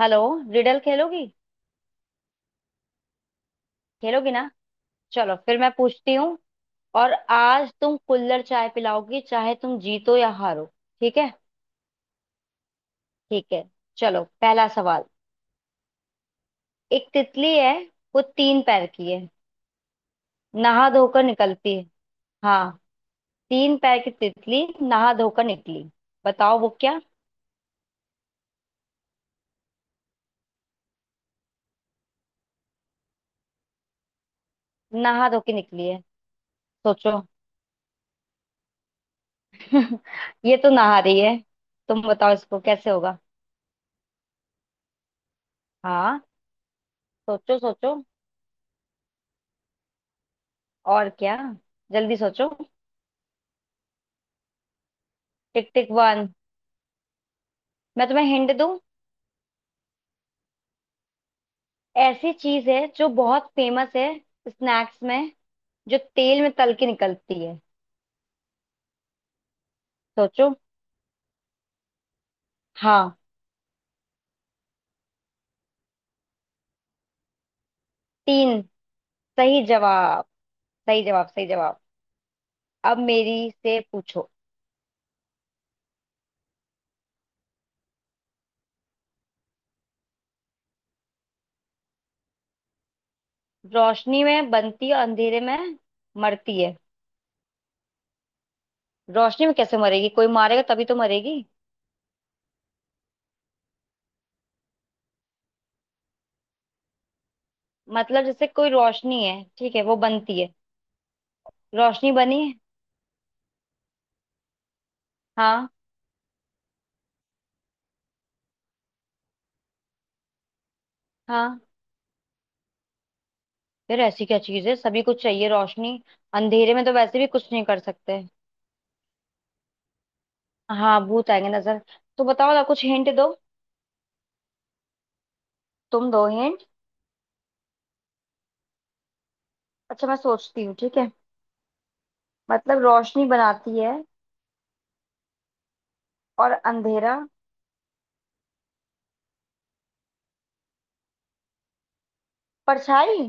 Hello. Riddle खेलोगी। खेलोगी ना। चलो फिर मैं पूछती हूँ। और आज तुम कुल्हड़ चाय पिलाओगी चाहे तुम जीतो या हारो। ठीक है, ठीक है। चलो पहला सवाल। एक तितली है। वो तीन पैर की है। नहा धोकर निकलती है। हाँ, तीन पैर की तितली नहा धोकर निकली। बताओ वो क्या। नहा धो के निकली है। सोचो। ये तो नहा रही है। तुम बताओ इसको कैसे होगा। हाँ, सोचो सोचो। और क्या। जल्दी सोचो। टिक टिक वन। मैं तुम्हें हिंट दूं। ऐसी चीज है जो बहुत फेमस है स्नैक्स में। जो तेल में तल के निकलती है। सोचो। हाँ। तीन। सही जवाब। सही जवाब, सही जवाब। अब मेरी से पूछो। रोशनी में बनती है, अंधेरे में मरती है। रोशनी में कैसे मरेगी, कोई मारेगा तभी तो मरेगी। मतलब जैसे कोई रोशनी है, ठीक है, वो बनती है। रोशनी बनी है। हाँ। हाँ। यार ऐसी क्या चीज है, सभी कुछ चाहिए रोशनी। अंधेरे में तो वैसे भी कुछ नहीं कर सकते। हाँ, भूत आएंगे नजर। तो बताओ ना, कुछ हिंट दो। तुम दो हिंट। अच्छा मैं सोचती हूँ, ठीक है। मतलब रोशनी बनाती है और अंधेरा। परछाई।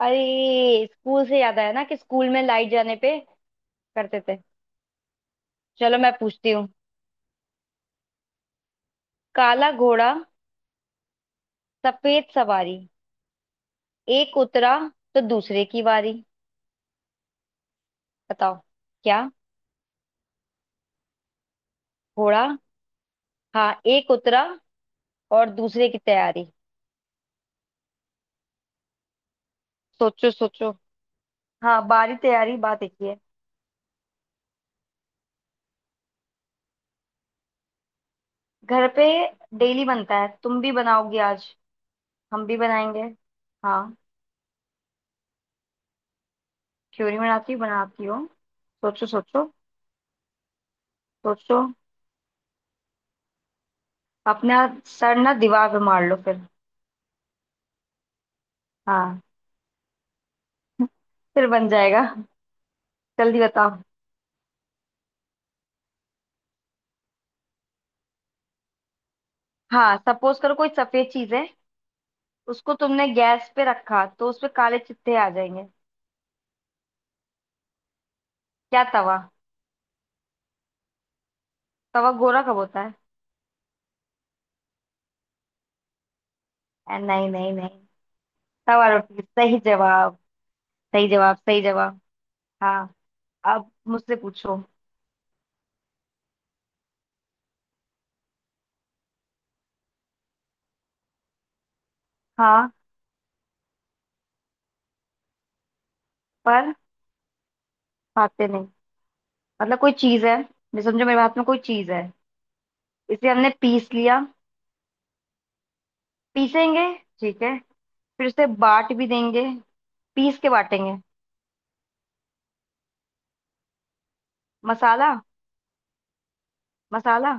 अरे स्कूल से याद आया ना कि स्कूल में लाइट जाने पे करते थे। चलो मैं पूछती हूँ। काला घोड़ा सफेद सवारी, एक उतरा तो दूसरे की बारी। बताओ क्या। घोड़ा। हाँ, एक उतरा और दूसरे की तैयारी। सोचो सोचो। हाँ, बारी तैयारी बात एक ही है। घर पे डेली बनता है, तुम भी बनाओगी आज। हम भी बनाएंगे। हाँ, क्यों नहीं बनाती, बनाती हो। सोचो सोचो सोचो। अपना सर ना दीवार पे मार लो फिर। हाँ। फिर बन जाएगा। जल्दी बताओ। हाँ, सपोज करो कोई सफेद चीज है। उसको तुमने गैस पे रखा तो उसपे काले चित्ते आ जाएंगे। क्या तवा। तवा गोरा कब होता है। नहीं नहीं नहीं। तवा रोटी सही जवाब। सही जवाब, सही जवाब। हाँ। अब मुझसे पूछो। हाँ। पर खाते नहीं। मतलब कोई चीज है। मैं समझो मेरे हाथ में कोई चीज है। इसे हमने पीस लिया। पीसेंगे, ठीक है। फिर उसे बांट भी देंगे। पीस के बांटेंगे। मसाला। मसाला।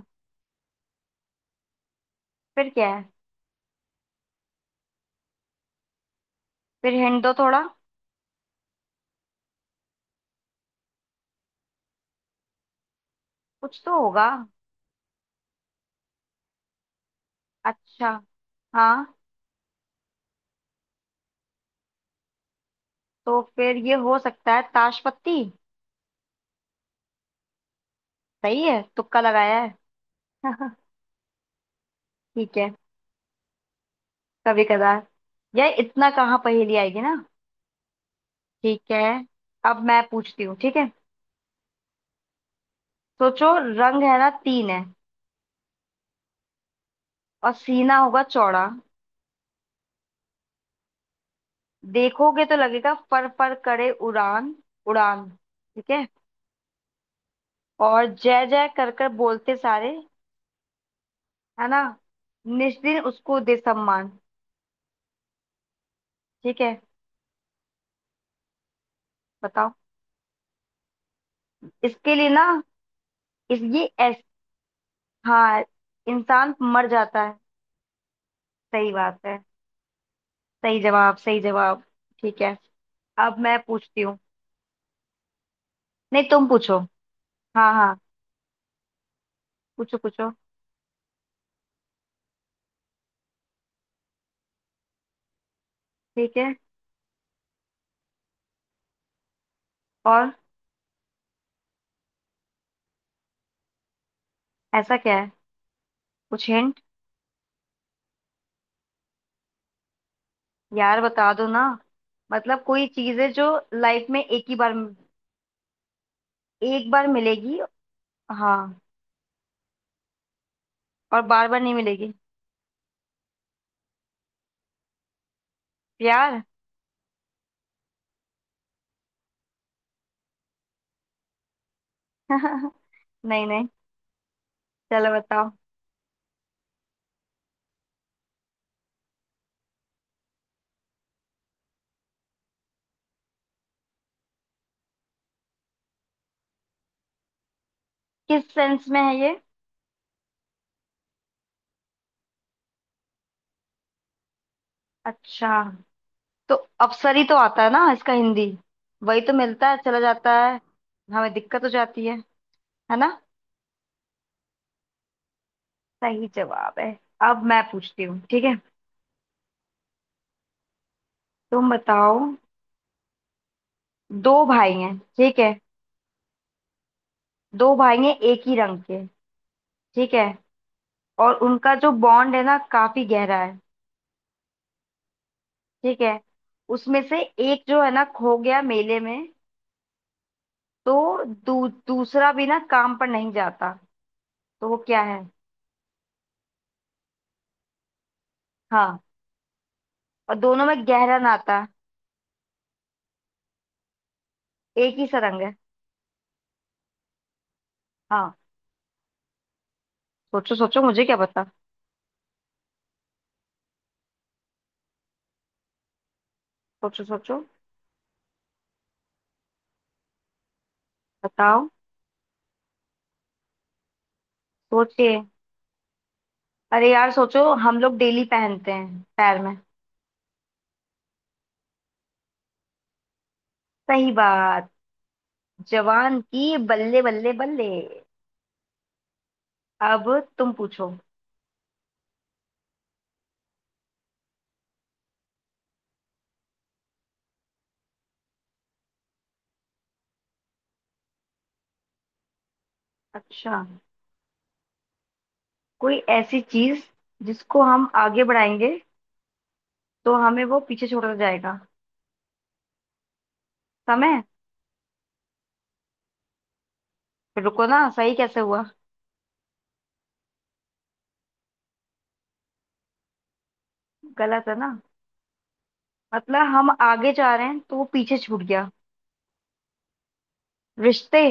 फिर क्या है। फिर हिंट दो थोड़ा। कुछ तो होगा। अच्छा। हाँ, तो फिर ये हो सकता है ताश पत्ती। सही है, तुक्का लगाया है। ठीक है। कभी कदार यह इतना कहाँ पहेली आएगी ना। ठीक है। अब मैं पूछती हूँ, ठीक है। सोचो। रंग है ना तीन है। और सीना होगा चौड़ा। देखोगे तो लगेगा फर फर करे उड़ान। उड़ान, ठीक है। और जय जय कर कर बोलते सारे, है ना। निस्दिन उसको दे सम्मान, ठीक है। बताओ। इसके लिए ना इस ये एस। हाँ। इंसान मर जाता है। सही बात है। सही जवाब, सही जवाब। ठीक है। अब मैं पूछती हूँ। नहीं, तुम पूछो। हाँ हाँ। पूछो पूछो। ठीक है। और। ऐसा क्या है। कुछ हिंट। यार बता दो ना। मतलब कोई चीज है जो लाइफ में एक ही बार, एक बार मिलेगी। हाँ। और बार बार नहीं मिलेगी। प्यार। नहीं। नहीं। चलो बताओ। किस सेंस में है ये। अच्छा। तो अप्सरी तो आता है ना इसका हिंदी। वही तो मिलता है, चला जाता है। हमें दिक्कत हो जाती है ना। सही जवाब है। अब मैं पूछती हूँ, ठीक है। तुम बताओ। दो भाई हैं, ठीक है। दो भाई हैं एक ही रंग के, ठीक है। और उनका जो बॉन्ड है ना काफी गहरा है, ठीक है। उसमें से एक जो है ना खो गया मेले में। तो दूसरा भी ना काम पर नहीं जाता। तो वो क्या है। हाँ और दोनों में गहरा नाता। एक ही सा रंग है। हाँ। सोचो सोचो, मुझे क्या पता। सोचो सोचो। बताओ। सोचिए। अरे यार सोचो, हम लोग डेली पहनते हैं पैर में। सही बात। जवान की बल्ले बल्ले बल्ले। अब तुम पूछो। अच्छा। कोई ऐसी चीज जिसको हम आगे बढ़ाएंगे तो हमें वो पीछे छोड़ता जाएगा। समय। रुको ना, सही कैसे हुआ। गलत है ना। मतलब हम आगे जा रहे हैं तो वो पीछे छूट गया। रिश्ते।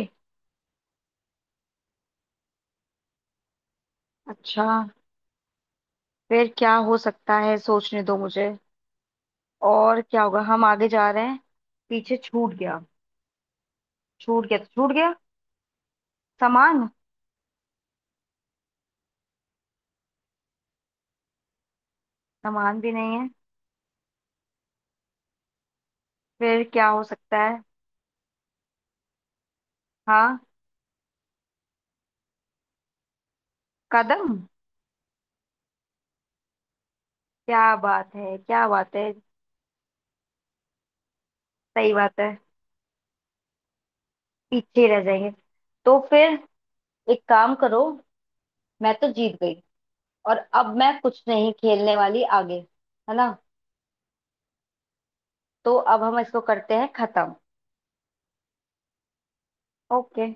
अच्छा। फिर क्या हो सकता है, सोचने दो मुझे। और क्या होगा, हम आगे जा रहे हैं, पीछे छूट गया। छूट गया तो छूट गया। सामान। सामान भी नहीं है। फिर क्या हो सकता है। हाँ। कदम। क्या बात है, क्या बात है। सही बात है। पीछे ही रह जाएंगे। तो फिर एक काम करो। मैं तो जीत गई। और अब मैं कुछ नहीं खेलने वाली आगे, है ना। तो अब हम इसको करते हैं खत्म। ओके।